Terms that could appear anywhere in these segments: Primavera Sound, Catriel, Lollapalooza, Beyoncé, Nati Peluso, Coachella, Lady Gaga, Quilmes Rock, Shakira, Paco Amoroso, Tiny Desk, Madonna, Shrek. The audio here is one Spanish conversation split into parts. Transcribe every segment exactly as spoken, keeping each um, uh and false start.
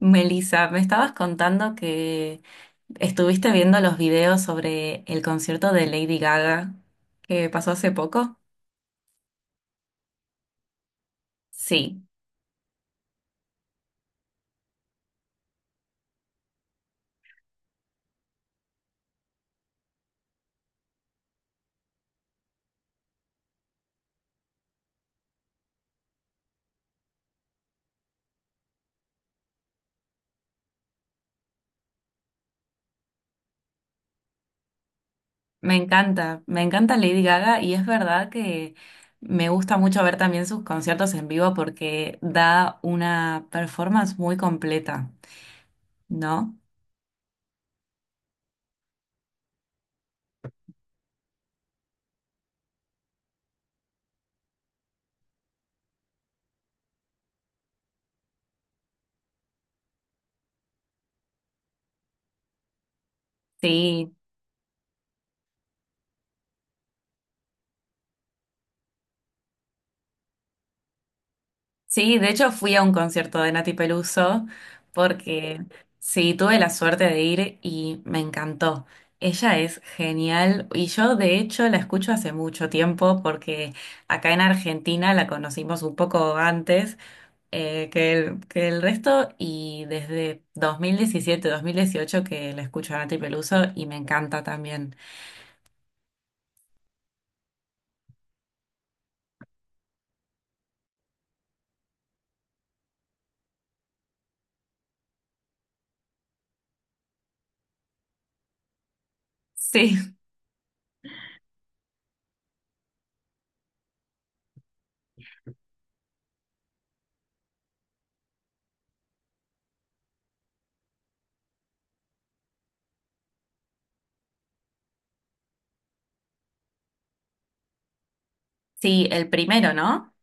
Melissa, me estabas contando que estuviste viendo los videos sobre el concierto de Lady Gaga que pasó hace poco. Sí, me encanta, me encanta Lady Gaga y es verdad que me gusta mucho ver también sus conciertos en vivo porque da una performance muy completa, ¿no? Sí. Sí, de hecho fui a un concierto de Nati Peluso porque sí, tuve la suerte de ir y me encantó. Ella es genial y yo de hecho la escucho hace mucho tiempo porque acá en Argentina la conocimos un poco antes, eh, que el, que el resto y desde dos dos mil diecisiete dos mil dieciocho que la escucho a Nati Peluso y me encanta también. Sí, sí, el primero, ¿no?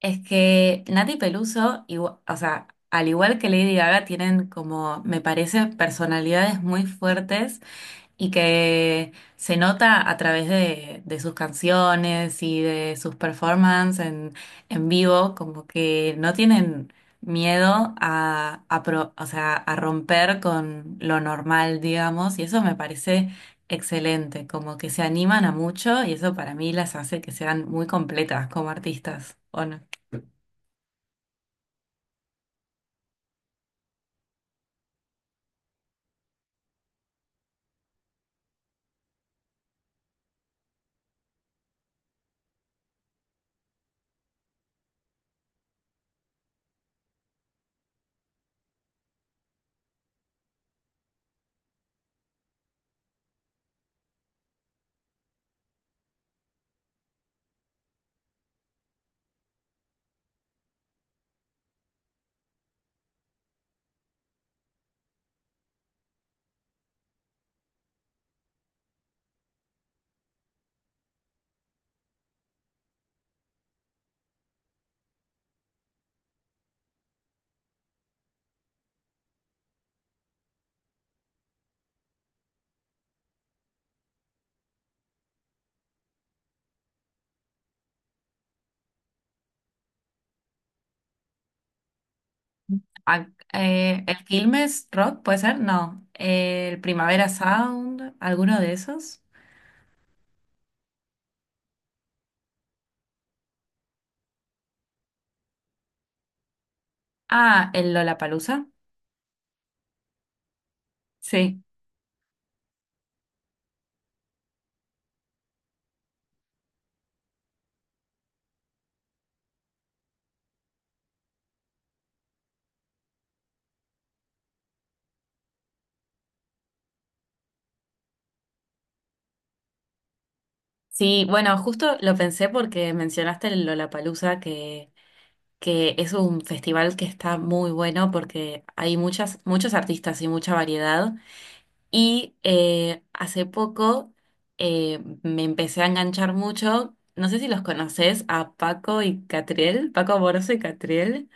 Es que Nati Peluso, igua- o sea, al igual que Lady Gaga, tienen como, me parece, personalidades muy fuertes y que se nota a través de, de sus canciones y de sus performances en, en vivo, como que no tienen miedo a, a pro- o sea, a romper con lo normal, digamos, y eso me parece excelente, como que se animan a mucho y eso para mí las hace que sean muy completas como artistas, ¿o no? Ah, eh, el Quilmes Rock, ¿puede ser? No. El Primavera Sound, ¿alguno de esos? Ah, el Lollapalooza. Sí. Sí, bueno, justo lo pensé porque mencionaste el Lollapalooza, que, que es un festival que está muy bueno porque hay muchas, muchos artistas y mucha variedad. Y eh, hace poco eh, me empecé a enganchar mucho. No sé si los conoces a Paco y Catriel, Paco Amoroso y Catriel.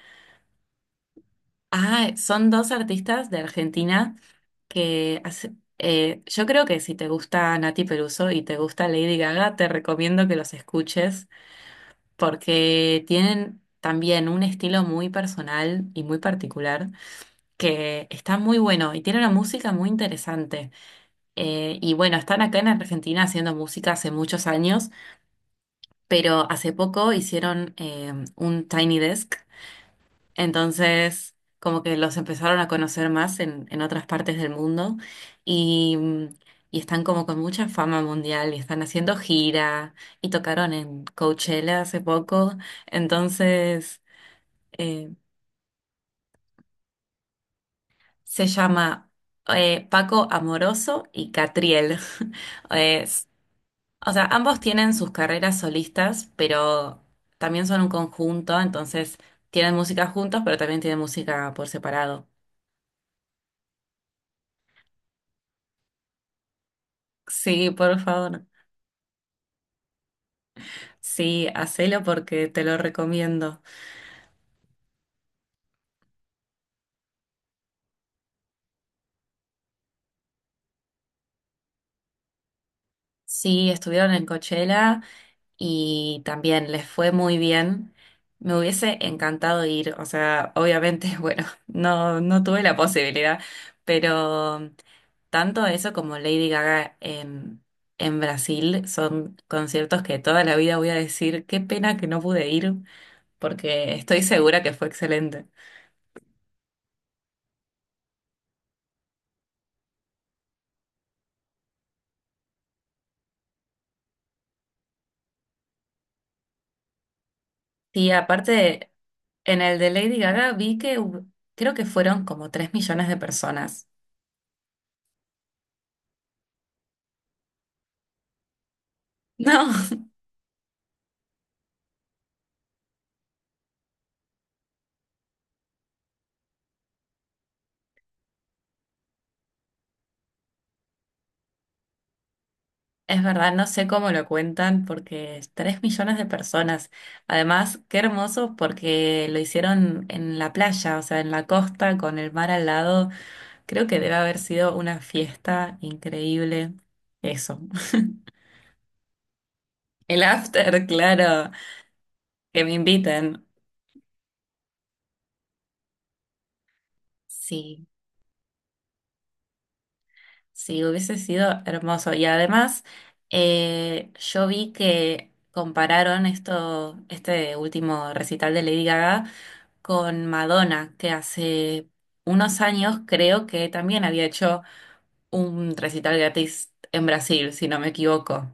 Ah, son dos artistas de Argentina que hace- eh, yo creo que si te gusta Nati Peluso y te gusta Lady Gaga, te recomiendo que los escuches porque tienen también un estilo muy personal y muy particular que está muy bueno y tiene una música muy interesante. Eh, y bueno, están acá en Argentina haciendo música hace muchos años, pero hace poco hicieron eh, un Tiny Desk. Entonces, como que los empezaron a conocer más en, en otras partes del mundo y, mm, y están como con mucha fama mundial y están haciendo gira y tocaron en Coachella hace poco. Entonces, eh, se llama eh, Paco Amoroso y Catriel. Es- o sea, ambos tienen sus carreras solistas, pero también son un conjunto, entonces tienen música juntos, pero también tienen música por separado. Sí, por favor. Sí, hacelo porque te lo recomiendo. Sí, estuvieron en Coachella y también les fue muy bien. Me hubiese encantado ir, o sea, obviamente, bueno, no, no tuve la posibilidad, pero tanto eso como Lady Gaga en, en Brasil son conciertos que toda la vida voy a decir, qué pena que no pude ir, porque estoy segura que fue excelente. Y aparte, en el de Lady Gaga vi que hub- creo que fueron como tres millones de personas. No, es verdad, no sé cómo lo cuentan porque es tres millones de personas. Además, qué hermoso porque lo hicieron en la playa, o sea, en la costa con el mar al lado. Creo que debe haber sido una fiesta increíble. Eso. El after, claro, que me inviten. Sí. Sí, hubiese sido hermoso. Y además, eh, yo vi que compararon esto, este último recital de Lady Gaga con Madonna, que hace unos años creo que también había hecho un recital gratis en Brasil, si no me equivoco.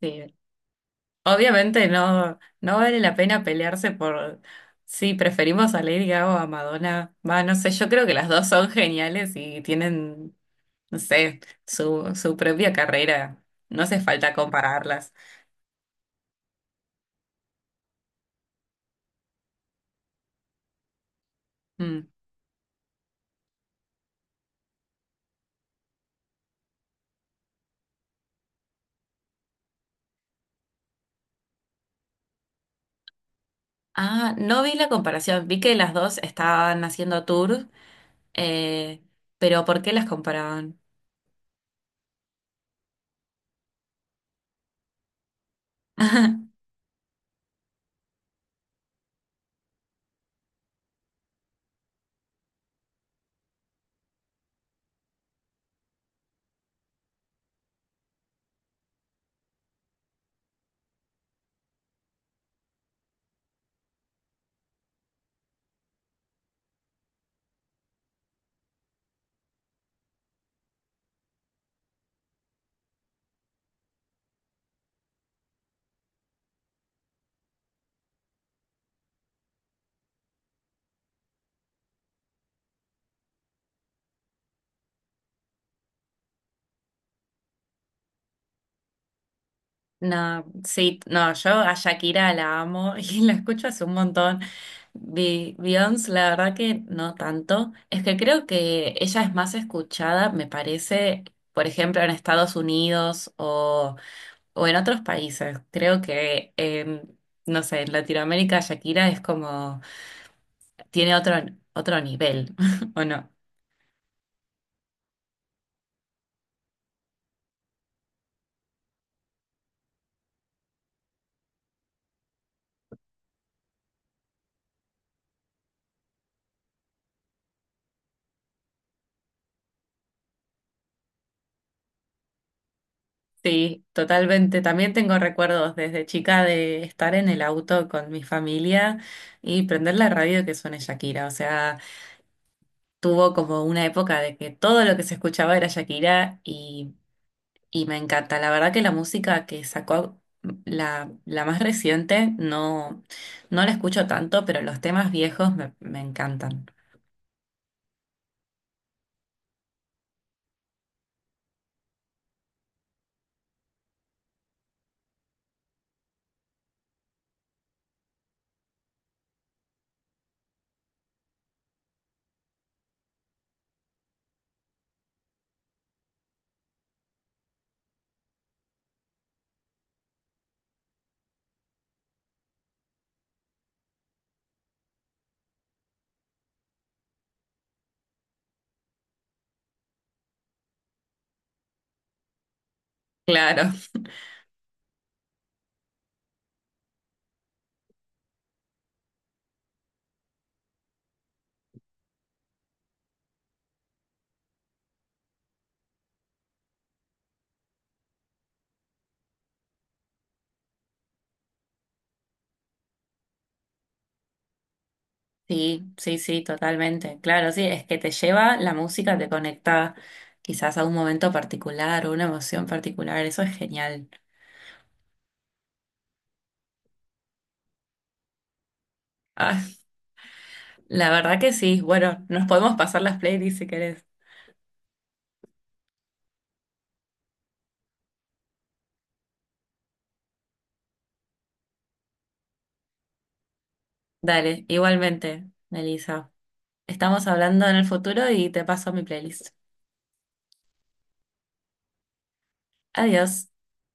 Sí. Obviamente no, no vale la pena pelearse por si preferimos a Lady Gaga o a Madonna. Va, no sé, yo creo que las dos son geniales y tienen no sé, su, su propia carrera. No hace falta compararlas. Mm. Ah, no vi la comparación. Vi que las dos estaban haciendo tours, eh, pero ¿por qué las comparaban? No, sí, no, yo a Shakira la amo y la escucho hace un montón. Bi- Beyoncé, la verdad que no tanto. Es que creo que ella es más escuchada, me parece, por ejemplo, en Estados Unidos o o en otros países. Creo que, em, no sé, en Latinoamérica Shakira es como, tiene otro, otro nivel, ¿o no? Sí, totalmente. También tengo recuerdos desde chica de estar en el auto con mi familia y prender la radio que suene Shakira. O sea, tuvo como una época de que todo lo que se escuchaba era Shakira y y me encanta. La verdad que la música que sacó, la, la más reciente, no, no la escucho tanto, pero los temas viejos me, me encantan. Claro, sí, sí, sí, totalmente. Claro, sí, es que te lleva la música, te conecta quizás a un momento particular o una emoción particular, eso es genial. Ah, la verdad que sí, bueno, nos podemos pasar las playlists si querés. Dale, igualmente, Melissa. Estamos hablando en el futuro y te paso mi playlist. Adiós.